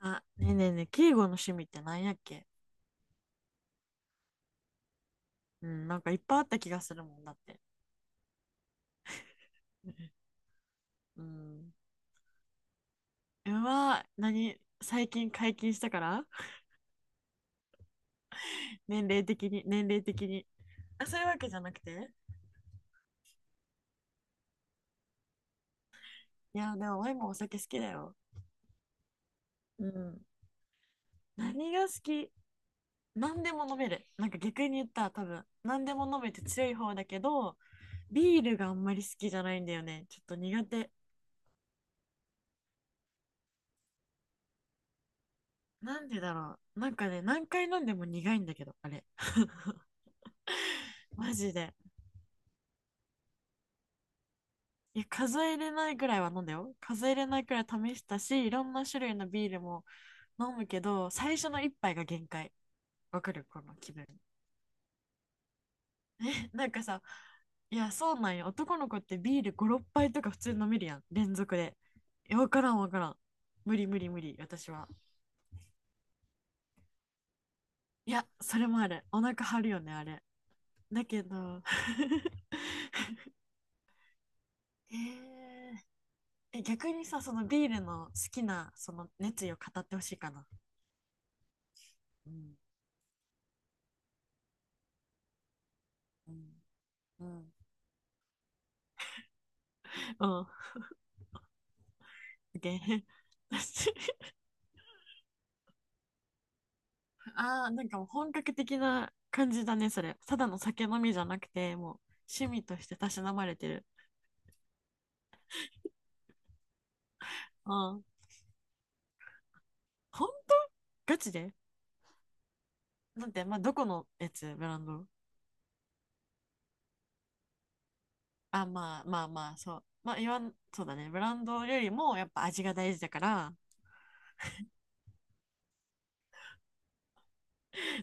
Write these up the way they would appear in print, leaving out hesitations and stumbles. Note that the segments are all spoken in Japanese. あ、ねえねえねえ、敬語の趣味って何やっけ。うん、なんかいっぱいあった気がするもんだって。うん。うわ、何最近解禁したから。 年齢的に、年齢的に。あ、そういうわけじゃなくて。いや、でもワインもお酒好きだよ。うん。何が好き？何でも飲める。なんか逆に言ったら多分、何でも飲めて強い方だけど、ビールがあんまり好きじゃないんだよね。ちょっと苦手。なんでだろう。なんかね、何回飲んでも苦いんだけど、あれ。マジで。いや、数えれないぐらいは飲んだよ。数えれないくらい試したし、いろんな種類のビールも飲むけど、最初の一杯が限界。わかるこの気分？なんかさ、いや、そうなんよ。男の子ってビール5、6杯とか普通に飲めるやん。連続で。いや、わからんわからん。無理無理無理、私は。いや、それもある。お腹張るよね、あれ。だけど、えーえ、逆にさ、そのビールの好きな、その熱意を語ってほしいかな。うん。うん。うん。うん。 OK。 ああ、なんかもう本格的な感じだね、それ。ただの酒飲みじゃなくて、もう趣味としてたしなまれてる。うん。本当？ガチで？なんて、まあ、どこのやつ？ブランド？あ、まあまあまあ、そう。まあ、言わん、そうだね。ブランドよりもやっぱ味が大事だから、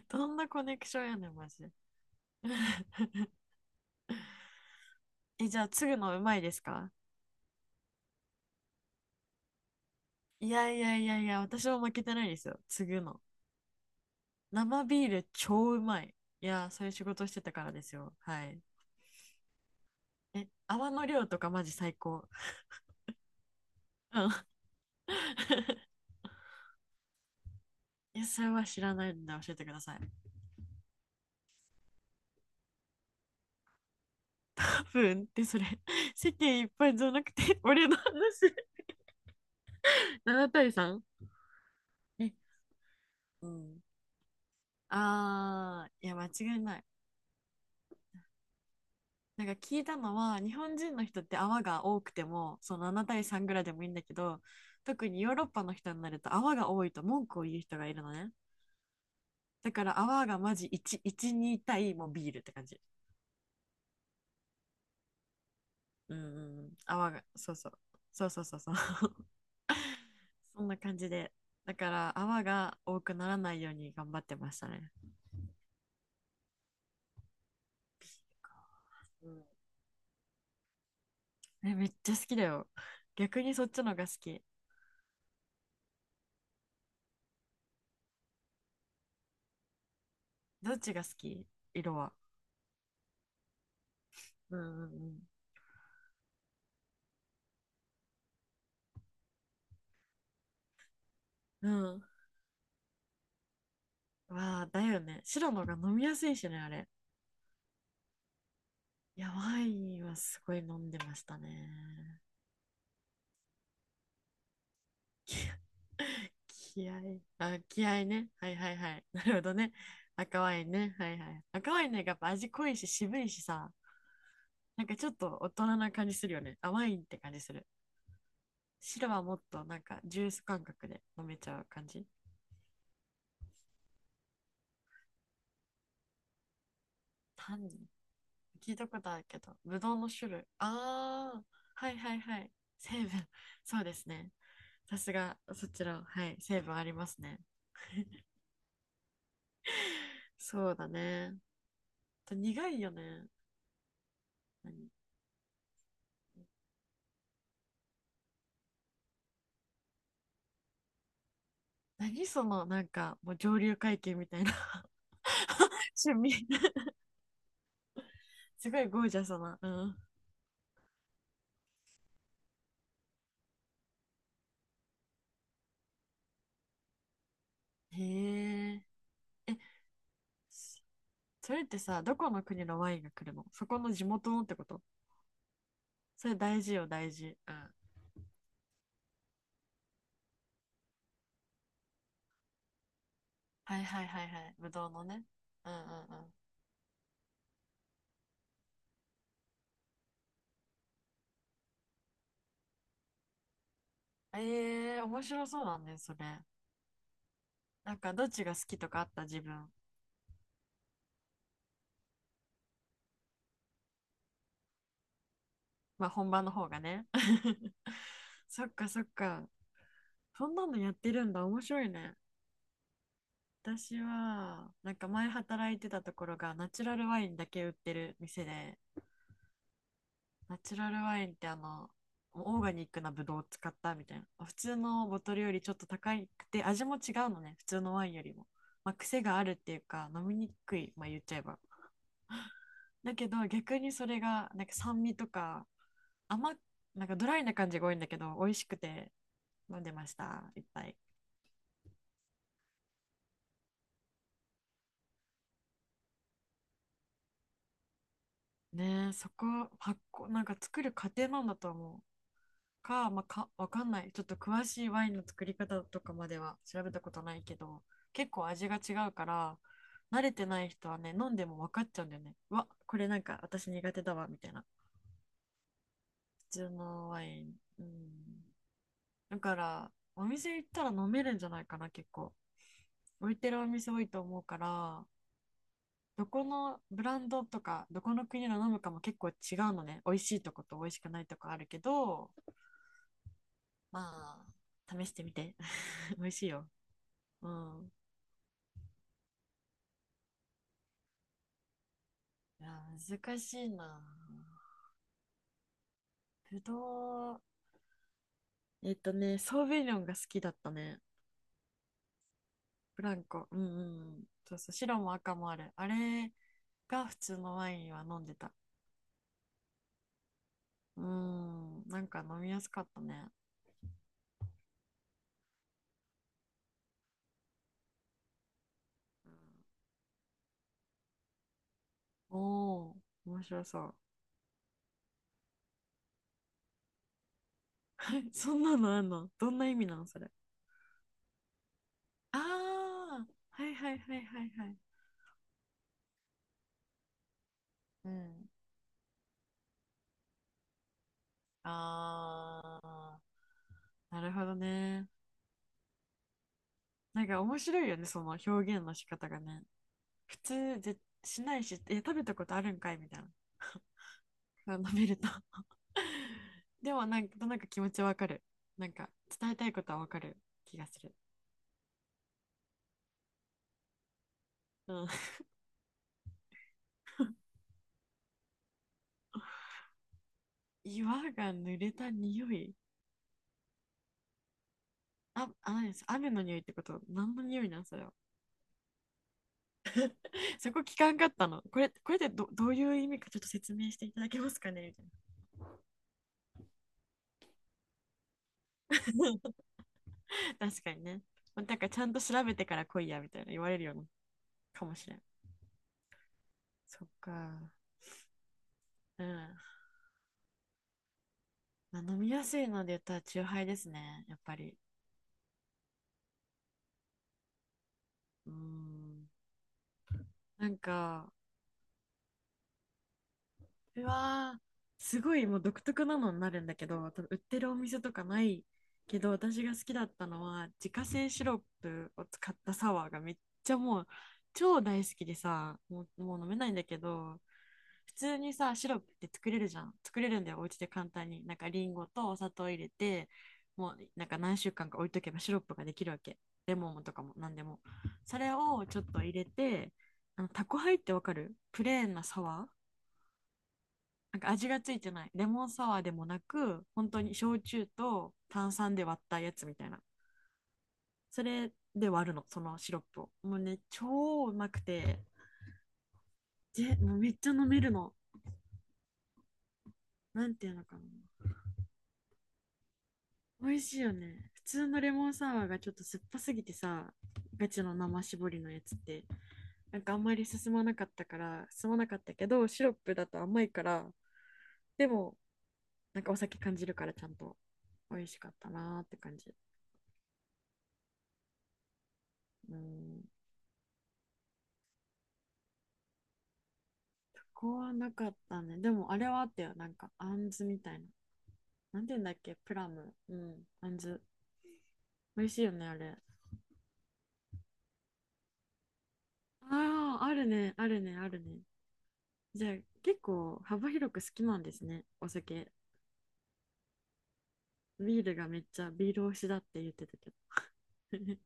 どんなコネクションやねん、マジで。え、じゃあ、継ぐのうまいですか？いやいやいやいや、私も負けてないですよ。継ぐの。生ビール超うまい。いや、そういう仕事してたからですよ。はい。え、泡の量とかマジ最高。うん。いや、それは知らないんで教えてください。カプンってそれ、世間いっぱいじゃなくて、俺の話。7対 3？ え、うん。あー、いや、間違いない。なんか聞いたのは、日本人の人って泡が多くても、その7対3ぐらいでもいいんだけど、特にヨーロッパの人になると泡が多いと文句を言う人がいるのね。だから泡がマジ1、1、2対もうビールって感じ。うんうんうん。泡が、そうそう。そうそうそうそう。そんな感じで。だから泡が多くならないように頑張ってましたね。うん。え、めっちゃ好きだよ。逆にそっちのが好き。どっちが好き？色は。うんうんうん。うん。わあ、だよね。白のが飲みやすいしね、あれ。いや、ワインはすごい飲んでましたね。気気合い。あ、気合いね。はいはいはい。なるほどね。赤ワインね。はいはい。赤ワインね、やっぱ味濃いし渋いしさ。なんかちょっと大人な感じするよね。あ、ワインって感じする。白はもっとなんかジュース感覚で飲めちゃう感じ。単に聞いたことあるけど、ぶどうの種類？ああ、はいはいはい。成分。そうですね。さすがそちら。はい、成分ありますね。そうだね。あと苦いよね。何？何そのなんかもう上流階級みたいな。 趣味？すごいゴージャスな、うん。へええ、そ、それってさ、どこの国のワインが来るの？そこの地元のってこと？それ大事よ、大事。うん。はいはいはいはい。ぶどうのね。うんうんうん。ええー、面白そうだね、それ。なんか、どっちが好きとかあった自分？まあ、本場の方がね。そっかそっか。そんなのやってるんだ。面白いね。私は、なんか前働いてたところが、ナチュラルワインだけ売ってる店で、ナチュラルワインってオーガニックなブドウを使ったみたいな。普通のボトルよりちょっと高くて、味も違うのね。普通のワインよりも。まあ、癖があるっていうか、飲みにくい。まあ、言っちゃえば。だけど逆にそれがなんか酸味とか、甘っ、なんかドライな感じが多いんだけど、美味しくて飲んでましたいっぱい。ねえ、そこ。発酵？なんか作る過程なんだと思うか、まあ、かわかんない。ちょっと詳しいワインの作り方とかまでは調べたことないけど、結構味が違うから、慣れてない人はね、飲んでも分かっちゃうんだよね。うわこれなんか私苦手だわみたいな。普通のワイン。うん。だからお店行ったら飲めるんじゃないかな、結構。置いてるお店多いと思うから。どこのブランドとかどこの国の飲むかも結構違うのね。美味しいとこと美味しくないとこあるけど、まあ試してみて。 美味しいよ。うん。いや、難しいな。ぶどう。えっとね、ソーヴィニョンが好きだったね。ブランコ、うんうん、そうそう。白も赤もあるあれが。普通のワインは飲んでた。うん、なんか飲みやすかったね、うん。おお、面白そう。 はい、そんなのあんの？どんな意味なのそれ。ああ、はいはいはいはいはい。あ、うん。あ、あ、なるほどね。なんか面白いよね、その表現の仕方がね。普通ぜしないし、え、食べたことあるんかいみたいな。飲めると。でもなんか、なんか気持ちわかる。なんか伝えたいことはわかる気がする。うん。岩が濡れた匂い。あ、あ、何です。雨の匂いってこと？何の匂いなんそれは。そこ聞かんかったの？これ、これでどういう意味かちょっと説明していただけますかねみたいな。確かにね。なんかちゃんと調べてから来いやみたいな言われるようなかもしれん。そっか。うん。まあ、飲みやすいので言ったら中杯ハイですね。やっぱり。うーん。なんか、うわー、すごいもう独特なのになるんだけど、多分売ってるお店とかないけど、私が好きだったのは自家製シロップを使ったサワーがめっちゃもう超大好きでさ、もう、もう飲めないんだけど。普通にさ、シロップって作れるじゃん。作れるんだよ、お家で簡単に。なんかリンゴとお砂糖入れて、もうなんか何週間か置いとけばシロップができるわけ。レモンとかも何でも。それをちょっと入れて、あのタコハイってわかる？プレーンなサワー、なんか味がついてないレモンサワーでもなく、本当に焼酎と炭酸で割ったやつみたいな。それで割るの、そのシロップを。もうね、超うまくて、ぜ、もうめっちゃ飲めるの。なんていうのかな、美味しいよね。普通のレモンサワーがちょっと酸っぱすぎてさ、ガチの生搾りのやつって、なんかあんまり進まなかったから、進まなかったけど、シロップだと甘いから、でもなんかお酒感じるからちゃんと、美味しかったなーって感じ。うん。そこはなかったね。でもあれはあったよ。なんか、あんずみたいな。なんて言うんだっけ、プラム。うん。あんず。美味しいよね、あれ。ああ、あるね、あるね、あるね。じゃあ、結構幅広く好きなんですね、お酒。ビールがめっちゃビール推しだって言ってたけど。